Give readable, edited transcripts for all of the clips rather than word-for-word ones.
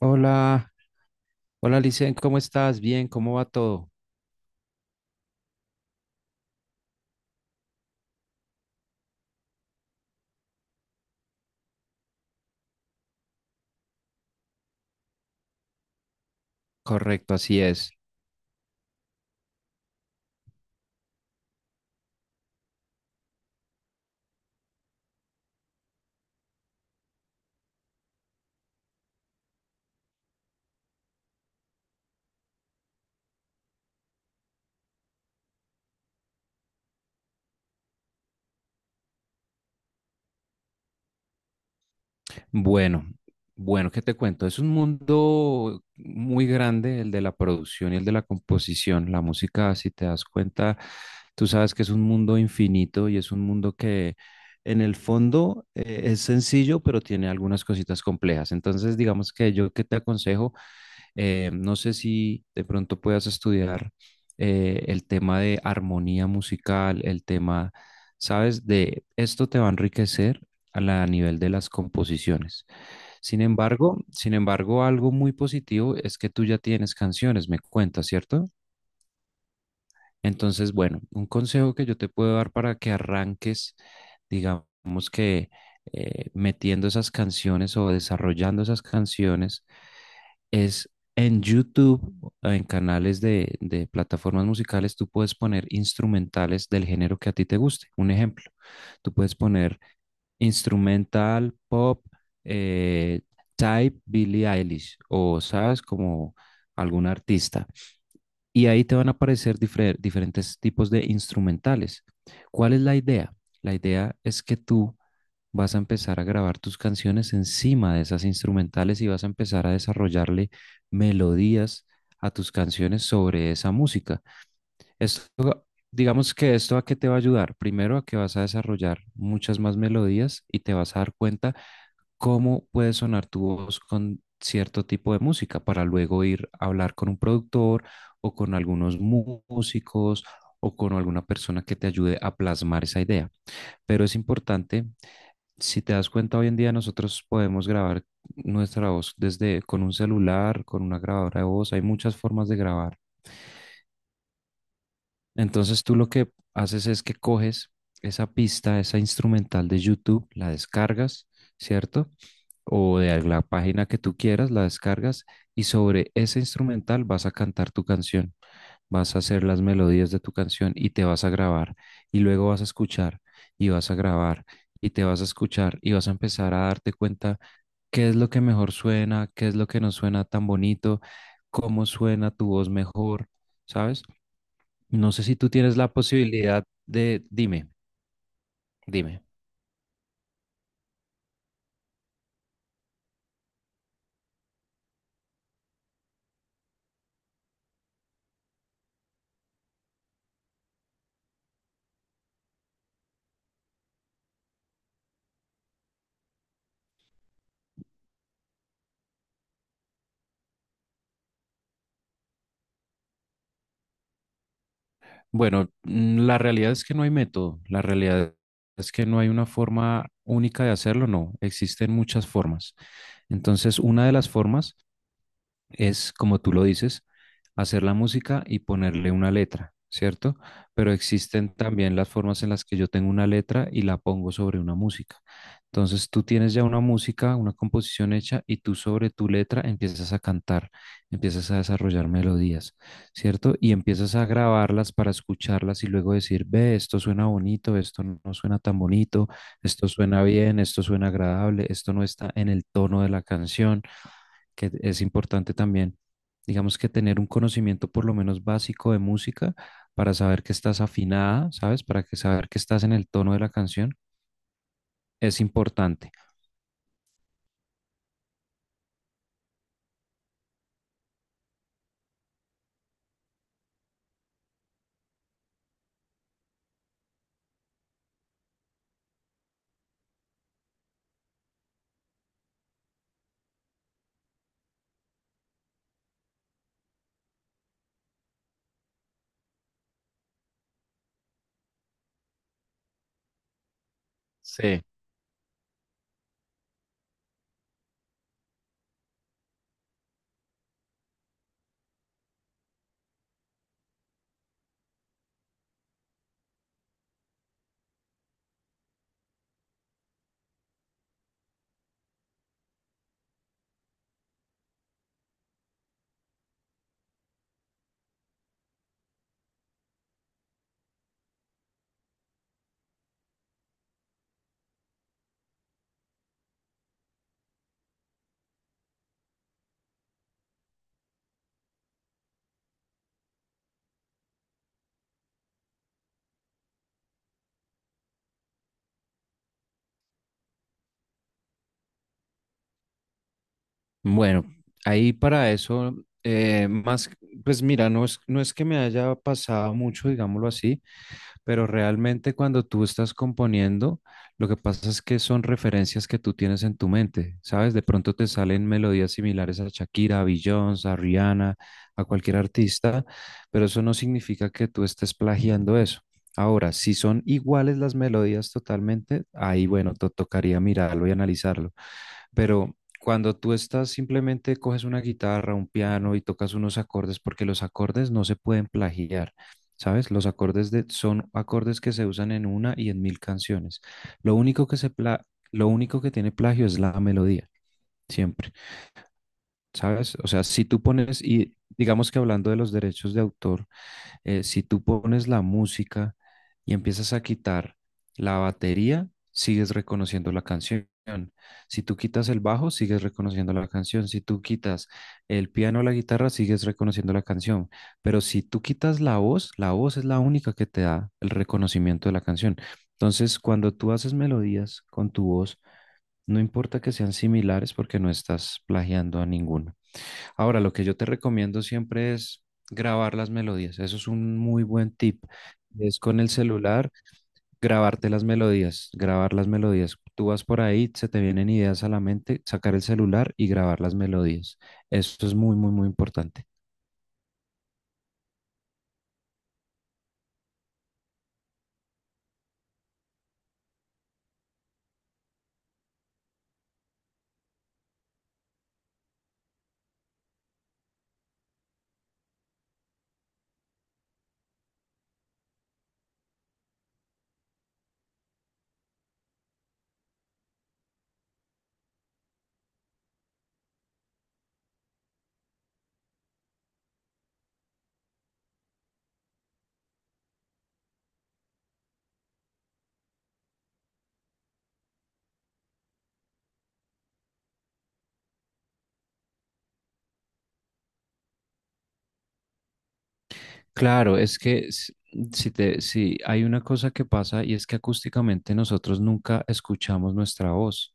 Hola, hola Licen, ¿cómo estás? Bien, ¿cómo va todo? Correcto, así es. Bueno, bueno, ¿qué te cuento? Es un mundo muy grande el de la producción y el de la composición. La música, si te das cuenta, tú sabes que es un mundo infinito y es un mundo que en el fondo es sencillo, pero tiene algunas cositas complejas. Entonces, digamos que yo que te aconsejo. No sé si de pronto puedas estudiar el tema de armonía musical, el tema, ¿sabes? De esto te va a enriquecer a nivel de las composiciones. Sin embargo, algo muy positivo es que tú ya tienes canciones, me cuentas, ¿cierto? Entonces, bueno, un consejo que yo te puedo dar para que arranques, digamos que metiendo esas canciones o desarrollando esas canciones es en YouTube, en canales de plataformas musicales, tú puedes poner instrumentales del género que a ti te guste. Un ejemplo, tú puedes poner instrumental, pop, eh, type Billie Eilish o, sabes, como algún artista y ahí te van a aparecer diferentes tipos de instrumentales. ¿Cuál es la idea? La idea es que tú vas a empezar a grabar tus canciones encima de esas instrumentales y vas a empezar a desarrollarle melodías a tus canciones sobre esa música. Esto, digamos que esto a qué te va a ayudar. Primero a que vas a desarrollar muchas más melodías y te vas a dar cuenta cómo puede sonar tu voz con cierto tipo de música para luego ir a hablar con un productor o con algunos músicos o con alguna persona que te ayude a plasmar esa idea. Pero es importante, si te das cuenta, hoy en día nosotros podemos grabar nuestra voz desde con un celular, con una grabadora de voz, hay muchas formas de grabar. Entonces tú lo que haces es que coges esa pista, esa instrumental de YouTube, la descargas, ¿cierto? O de la página que tú quieras, la descargas y sobre ese instrumental vas a cantar tu canción, vas a hacer las melodías de tu canción y te vas a grabar y luego vas a escuchar y vas a grabar y te vas a escuchar y vas a empezar a darte cuenta qué es lo que mejor suena, qué es lo que no suena tan bonito, cómo suena tu voz mejor, ¿sabes? No sé si tú tienes la posibilidad de, dime. Bueno, la realidad es que no hay método, la realidad es que no hay una forma única de hacerlo, no, existen muchas formas. Entonces, una de las formas es, como tú lo dices, hacer la música y ponerle una letra, ¿cierto? Pero existen también las formas en las que yo tengo una letra y la pongo sobre una música. Entonces tú tienes ya una música, una composición hecha y tú sobre tu letra empiezas a cantar, empiezas a desarrollar melodías, ¿cierto? Y empiezas a grabarlas para escucharlas y luego decir, ve, esto suena bonito, esto no suena tan bonito, esto suena bien, esto suena agradable, esto no está en el tono de la canción, que es importante también, digamos que tener un conocimiento por lo menos básico de música para saber que estás afinada, ¿sabes? Para que saber que estás en el tono de la canción es importante. Sí, bueno, ahí para eso, más, pues mira, no es que me haya pasado mucho, digámoslo así, pero realmente cuando tú estás componiendo, lo que pasa es que son referencias que tú tienes en tu mente, ¿sabes? De pronto te salen melodías similares a Shakira, a Beyoncé, a Rihanna, a cualquier artista, pero eso no significa que tú estés plagiando eso. Ahora, si son iguales las melodías totalmente, ahí bueno, te tocaría mirarlo y analizarlo. Pero cuando tú estás simplemente coges una guitarra, un piano y tocas unos acordes, porque los acordes no se pueden plagiar, ¿sabes? Los acordes de, son acordes que se usan en una y en mil canciones. Lo único que se pla- lo único que tiene plagio es la melodía, siempre, ¿sabes? O sea, si tú pones, y digamos que hablando de los derechos de autor, si tú pones la música y empiezas a quitar la batería, sigues reconociendo la canción. Si tú quitas el bajo, sigues reconociendo la canción. Si tú quitas el piano o la guitarra, sigues reconociendo la canción. Pero si tú quitas la voz es la única que te da el reconocimiento de la canción. Entonces, cuando tú haces melodías con tu voz, no importa que sean similares porque no estás plagiando a ninguno. Ahora, lo que yo te recomiendo siempre es grabar las melodías. Eso es un muy buen tip. Es con el celular, grabarte las melodías, grabar las melodías. Tú vas por ahí, se te vienen ideas a la mente, sacar el celular y grabar las melodías. Eso es muy, muy, muy importante. Claro, es que si hay una cosa que pasa y es que acústicamente nosotros nunca escuchamos nuestra voz.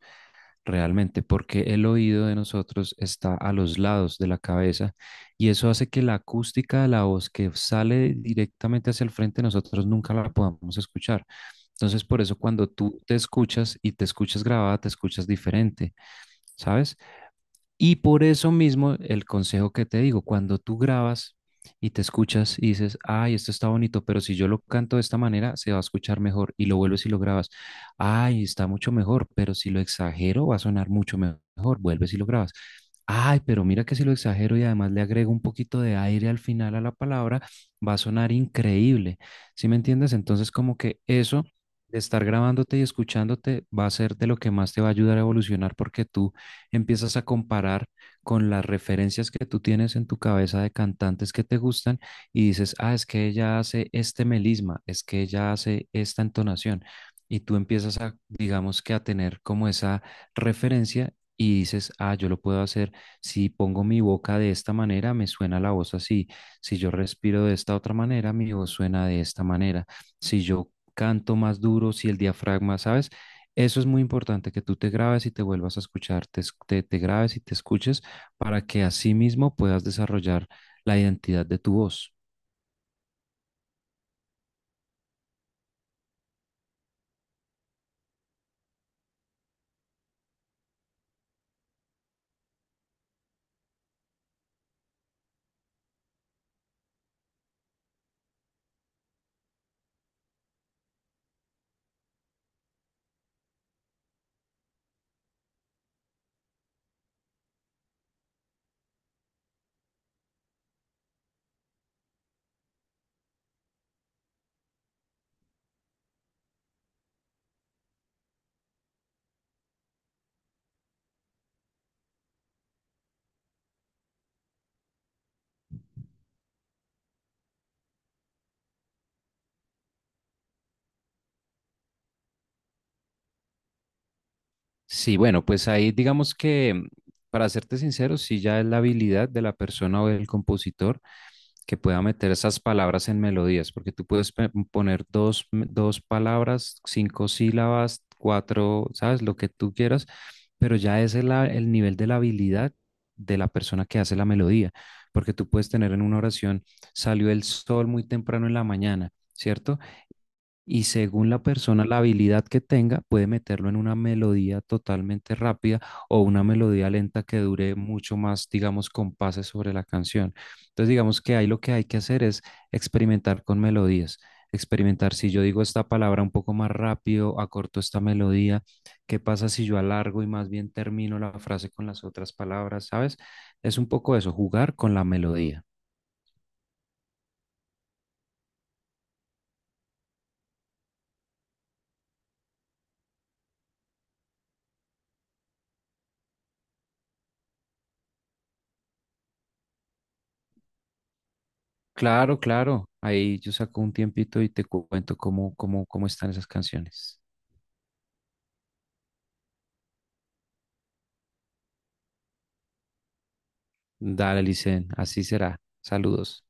Realmente, porque el oído de nosotros está a los lados de la cabeza y eso hace que la acústica de la voz que sale directamente hacia el frente nosotros nunca la podamos escuchar. Entonces, por eso cuando tú te escuchas y te escuchas grabada, te escuchas diferente, ¿sabes? Y por eso mismo el consejo que te digo, cuando tú grabas y te escuchas y dices, ay, esto está bonito, pero si yo lo canto de esta manera, se va a escuchar mejor, y lo vuelves y lo grabas, ay, está mucho mejor, pero si lo exagero, va a sonar mucho mejor, vuelves y lo grabas. Ay, pero mira que si lo exagero y además le agrego un poquito de aire al final a la palabra, va a sonar increíble. ¿Sí me entiendes? Entonces, como que eso de estar grabándote y escuchándote va a ser de lo que más te va a ayudar a evolucionar, porque tú empiezas a comparar con las referencias que tú tienes en tu cabeza de cantantes que te gustan y dices, ah, es que ella hace este melisma, es que ella hace esta entonación. Y tú empiezas a, digamos que a tener como esa referencia y dices, ah, yo lo puedo hacer, si pongo mi boca de esta manera, me suena la voz así. Si yo respiro de esta otra manera, mi voz suena de esta manera. Si yo canto más duro, si el diafragma, ¿sabes? Eso es muy importante, que tú te grabes y te vuelvas a escuchar, te grabes y te escuches para que así mismo puedas desarrollar la identidad de tu voz. Sí, bueno, pues ahí digamos que, para serte sincero, sí ya es la habilidad de la persona o del compositor que pueda meter esas palabras en melodías, porque tú puedes poner dos palabras, cinco sílabas, cuatro, ¿sabes? Lo que tú quieras, pero ya ese es el nivel de la habilidad de la persona que hace la melodía, porque tú puedes tener en una oración, salió el sol muy temprano en la mañana, ¿cierto? Y según la persona, la habilidad que tenga, puede meterlo en una melodía totalmente rápida o una melodía lenta que dure mucho más, digamos, compases sobre la canción. Entonces, digamos que ahí lo que hay que hacer es experimentar con melodías. Experimentar, si yo digo esta palabra un poco más rápido, acorto esta melodía, ¿qué pasa si yo alargo y más bien termino la frase con las otras palabras? ¿Sabes? Es un poco eso, jugar con la melodía. Claro, claro. Ahí yo saco un tiempito y te cuento cómo están esas canciones. Dale, Licen, así será. Saludos.